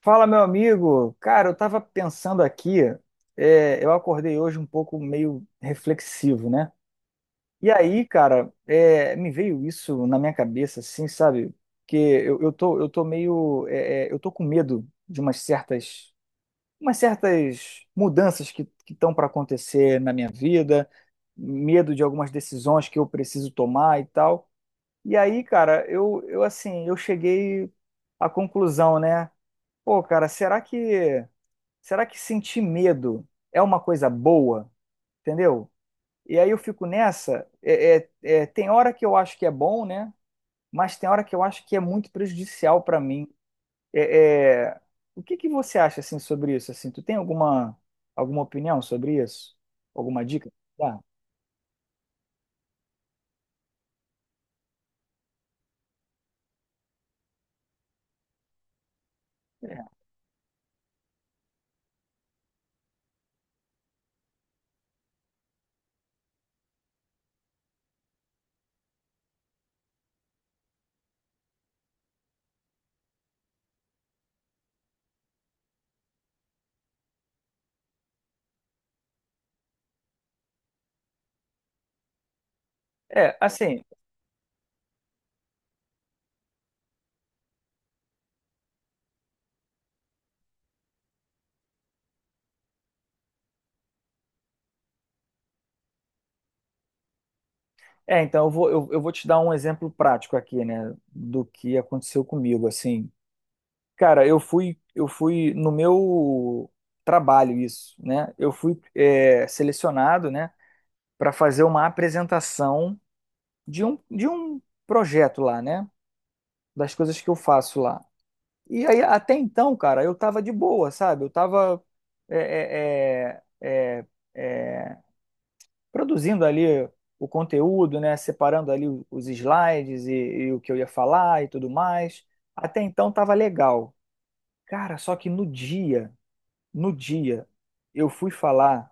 Fala, meu amigo. Cara, eu tava pensando aqui, eu acordei hoje um pouco meio reflexivo, né? E aí, cara, me veio isso na minha cabeça, assim, sabe? Que eu tô meio, eu tô com medo de umas certas mudanças que estão para acontecer na minha vida, medo de algumas decisões que eu preciso tomar e tal. E aí, cara, eu assim, eu cheguei à conclusão, né? Pô, cara, Será que sentir medo é uma coisa boa? Entendeu? E aí eu fico nessa. Tem hora que eu acho que é bom, né? Mas tem hora que eu acho que é muito prejudicial para mim. É, é, o que que você acha assim sobre isso? Assim, tu tem alguma opinião sobre isso? Alguma dica? Dá? Assim, então eu vou te dar um exemplo prático aqui, né, do que aconteceu comigo, assim. Cara, eu fui no meu trabalho isso, né? Eu fui selecionado, né, para fazer uma apresentação de um projeto lá, né? Das coisas que eu faço lá. E aí, até então, cara, eu tava de boa, sabe? Eu tava é, é, é, é, produzindo ali o conteúdo, né? Separando ali os slides e o que eu ia falar e tudo mais. Até então tava legal. Cara, só que no dia. No dia, eu fui falar,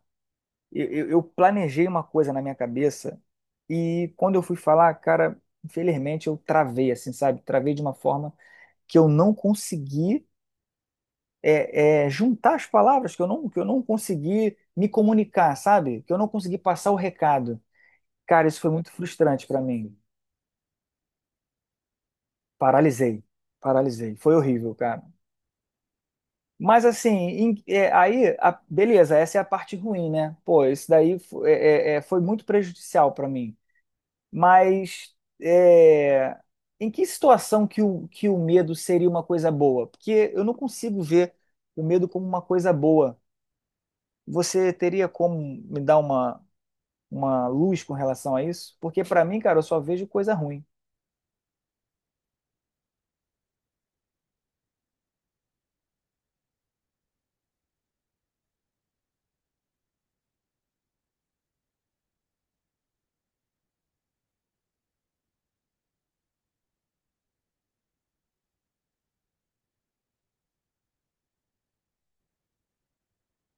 eu planejei uma coisa na minha cabeça e quando eu fui falar, cara, infelizmente eu travei, assim, sabe? Travei de uma forma que eu não consegui juntar as palavras, que eu não consegui me comunicar, sabe? Que eu não consegui passar o recado. Cara, isso foi muito frustrante pra mim. Paralisei, paralisei. Foi horrível, cara. Mas assim, beleza, essa é a parte ruim, né? Pô, isso daí foi muito prejudicial para mim. Mas é, em que situação que que o medo seria uma coisa boa? Porque eu não consigo ver o medo como uma coisa boa. Você teria como me dar uma luz com relação a isso? Porque para mim, cara, eu só vejo coisa ruim.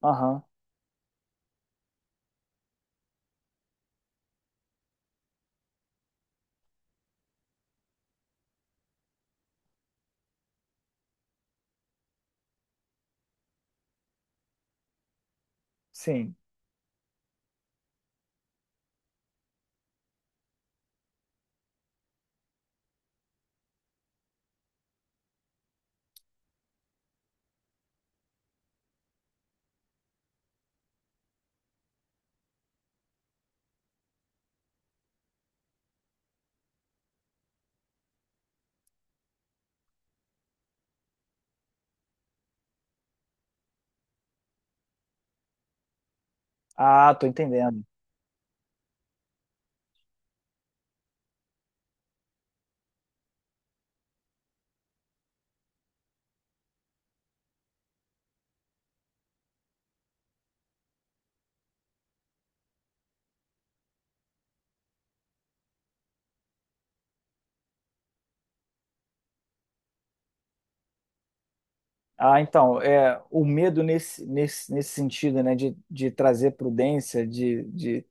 Aham, sim. Ah, tô entendendo. Ah, então, o medo nesse sentido, né, de trazer prudência, de, de,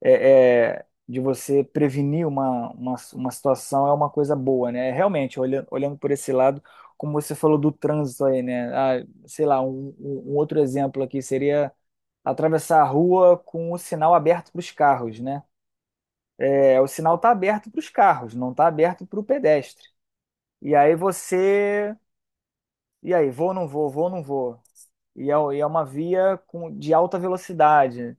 é, é, de você prevenir uma situação é uma coisa boa, né? Realmente, olhando por esse lado, como você falou do trânsito aí, né? Ah, sei lá, um outro exemplo aqui seria atravessar a rua com o sinal aberto para os carros, né? É, o sinal está aberto para os carros, não está aberto para o pedestre. E aí você. E aí, vou ou não vou? Vou ou não vou? E é uma via com, de alta velocidade.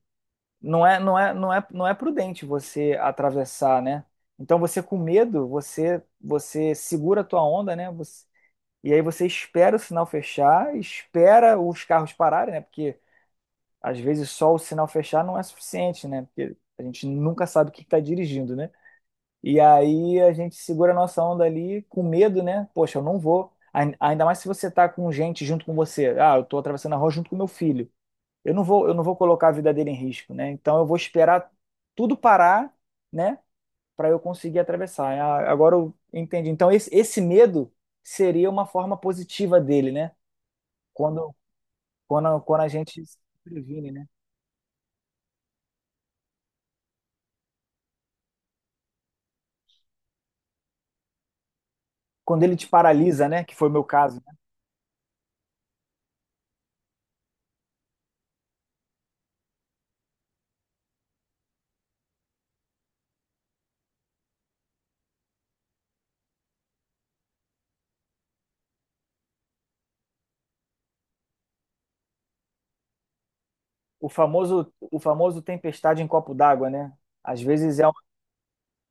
Não é prudente você atravessar, né? Então você com medo, você segura a tua onda, né? E aí você espera o sinal fechar, espera os carros pararem, né? Porque às vezes só o sinal fechar não é suficiente, né? Porque a gente nunca sabe quem está dirigindo, né? E aí a gente segura a nossa onda ali com medo, né? Poxa, eu não vou. Ainda mais se você tá com gente junto com você. Ah, eu tô atravessando a rua junto com meu filho, eu não vou colocar a vida dele em risco, né? Então eu vou esperar tudo parar, né, para eu conseguir atravessar. Agora eu entendi. Então esse medo seria uma forma positiva dele, né? Quando, Quando a gente se previne, né? Quando ele te paralisa, né? Que foi o meu caso, né? O famoso tempestade em copo d'água, né? Às vezes é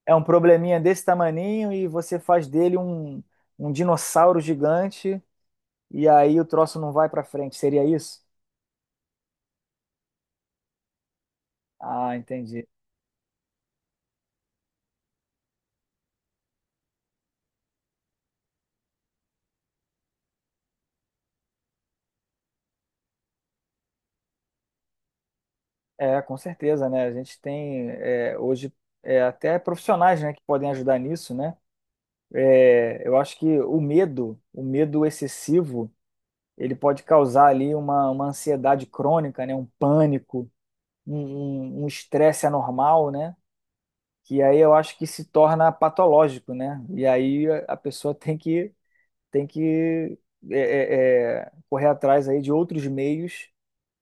é um probleminha desse tamaninho e você faz dele um dinossauro gigante e aí o troço não vai para frente. Seria isso? Ah, entendi. É, com certeza, né? A gente tem hoje até profissionais, né, que podem ajudar nisso, né? É, eu acho que o medo excessivo, ele pode causar ali uma ansiedade crônica, né? Um pânico, um um estresse anormal, né? Que aí eu acho que se torna patológico, né? E aí a pessoa tem que correr atrás aí de outros meios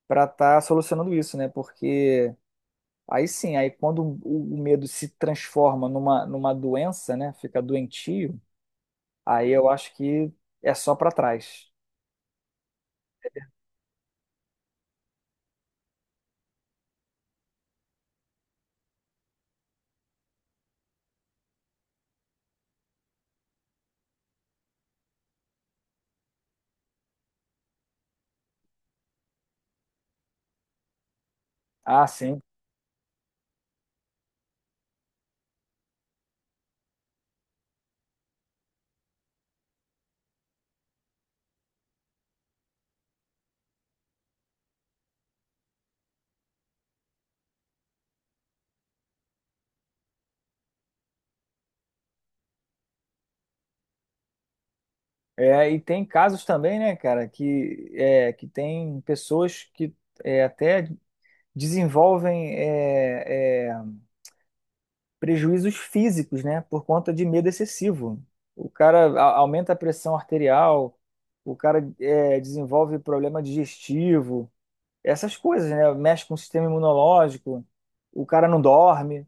para estar solucionando isso, né? Porque aí sim, aí quando o medo se transforma numa doença, né? Fica doentio, aí eu acho que é só para trás. Ah, sim. É, e tem casos também, né, cara, que, que tem pessoas que é, até desenvolvem prejuízos físicos, né, por conta de medo excessivo. O cara aumenta a pressão arterial, o cara desenvolve problema digestivo, essas coisas, né? Mexe com o sistema imunológico, o cara não dorme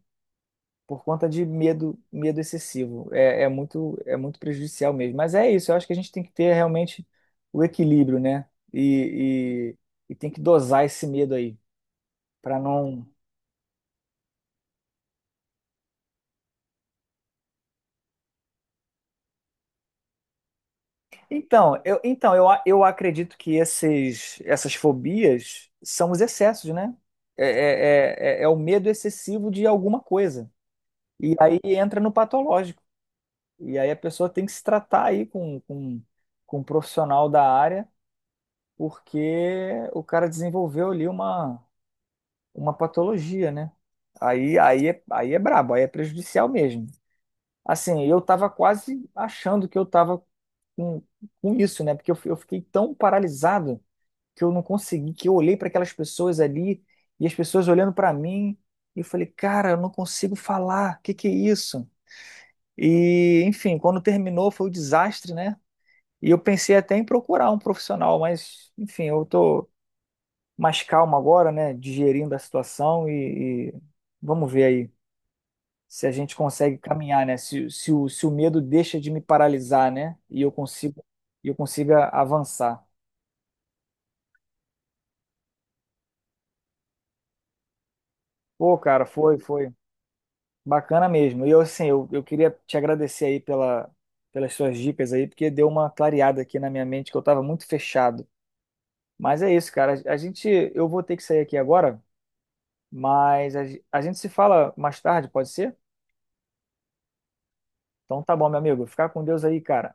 por conta de medo, medo excessivo. É, é muito prejudicial mesmo. Mas é isso, eu acho que a gente tem que ter realmente o equilíbrio, né? E, e tem que dosar esse medo aí, para não. Então, eu acredito que essas fobias são os excessos, né? É o medo excessivo de alguma coisa. E aí entra no patológico. E aí a pessoa tem que se tratar aí com um profissional da área, porque o cara desenvolveu ali uma patologia, né? Aí é brabo, aí é prejudicial mesmo. Assim, eu tava quase achando que eu tava com, com isso, né? Porque eu, eu fiquei tão paralisado que eu não consegui, que eu olhei para aquelas pessoas ali e as pessoas olhando para mim e eu falei, cara, eu não consigo falar, o que que é isso? E, enfim, quando terminou foi o desastre, né? E eu pensei até em procurar um profissional, mas, enfim, eu tô mais calmo agora, né? Digerindo a situação e vamos ver aí se a gente consegue caminhar, né? Se se o medo deixa de me paralisar, né? E eu consiga avançar. Pô, cara, foi bacana mesmo. E eu, assim, eu queria te agradecer aí pelas suas dicas aí, porque deu uma clareada aqui na minha mente que eu tava muito fechado. Mas é isso, cara. Eu vou ter que sair aqui agora. Mas a gente se fala mais tarde, pode ser? Então tá bom, meu amigo. Fica com Deus aí, cara.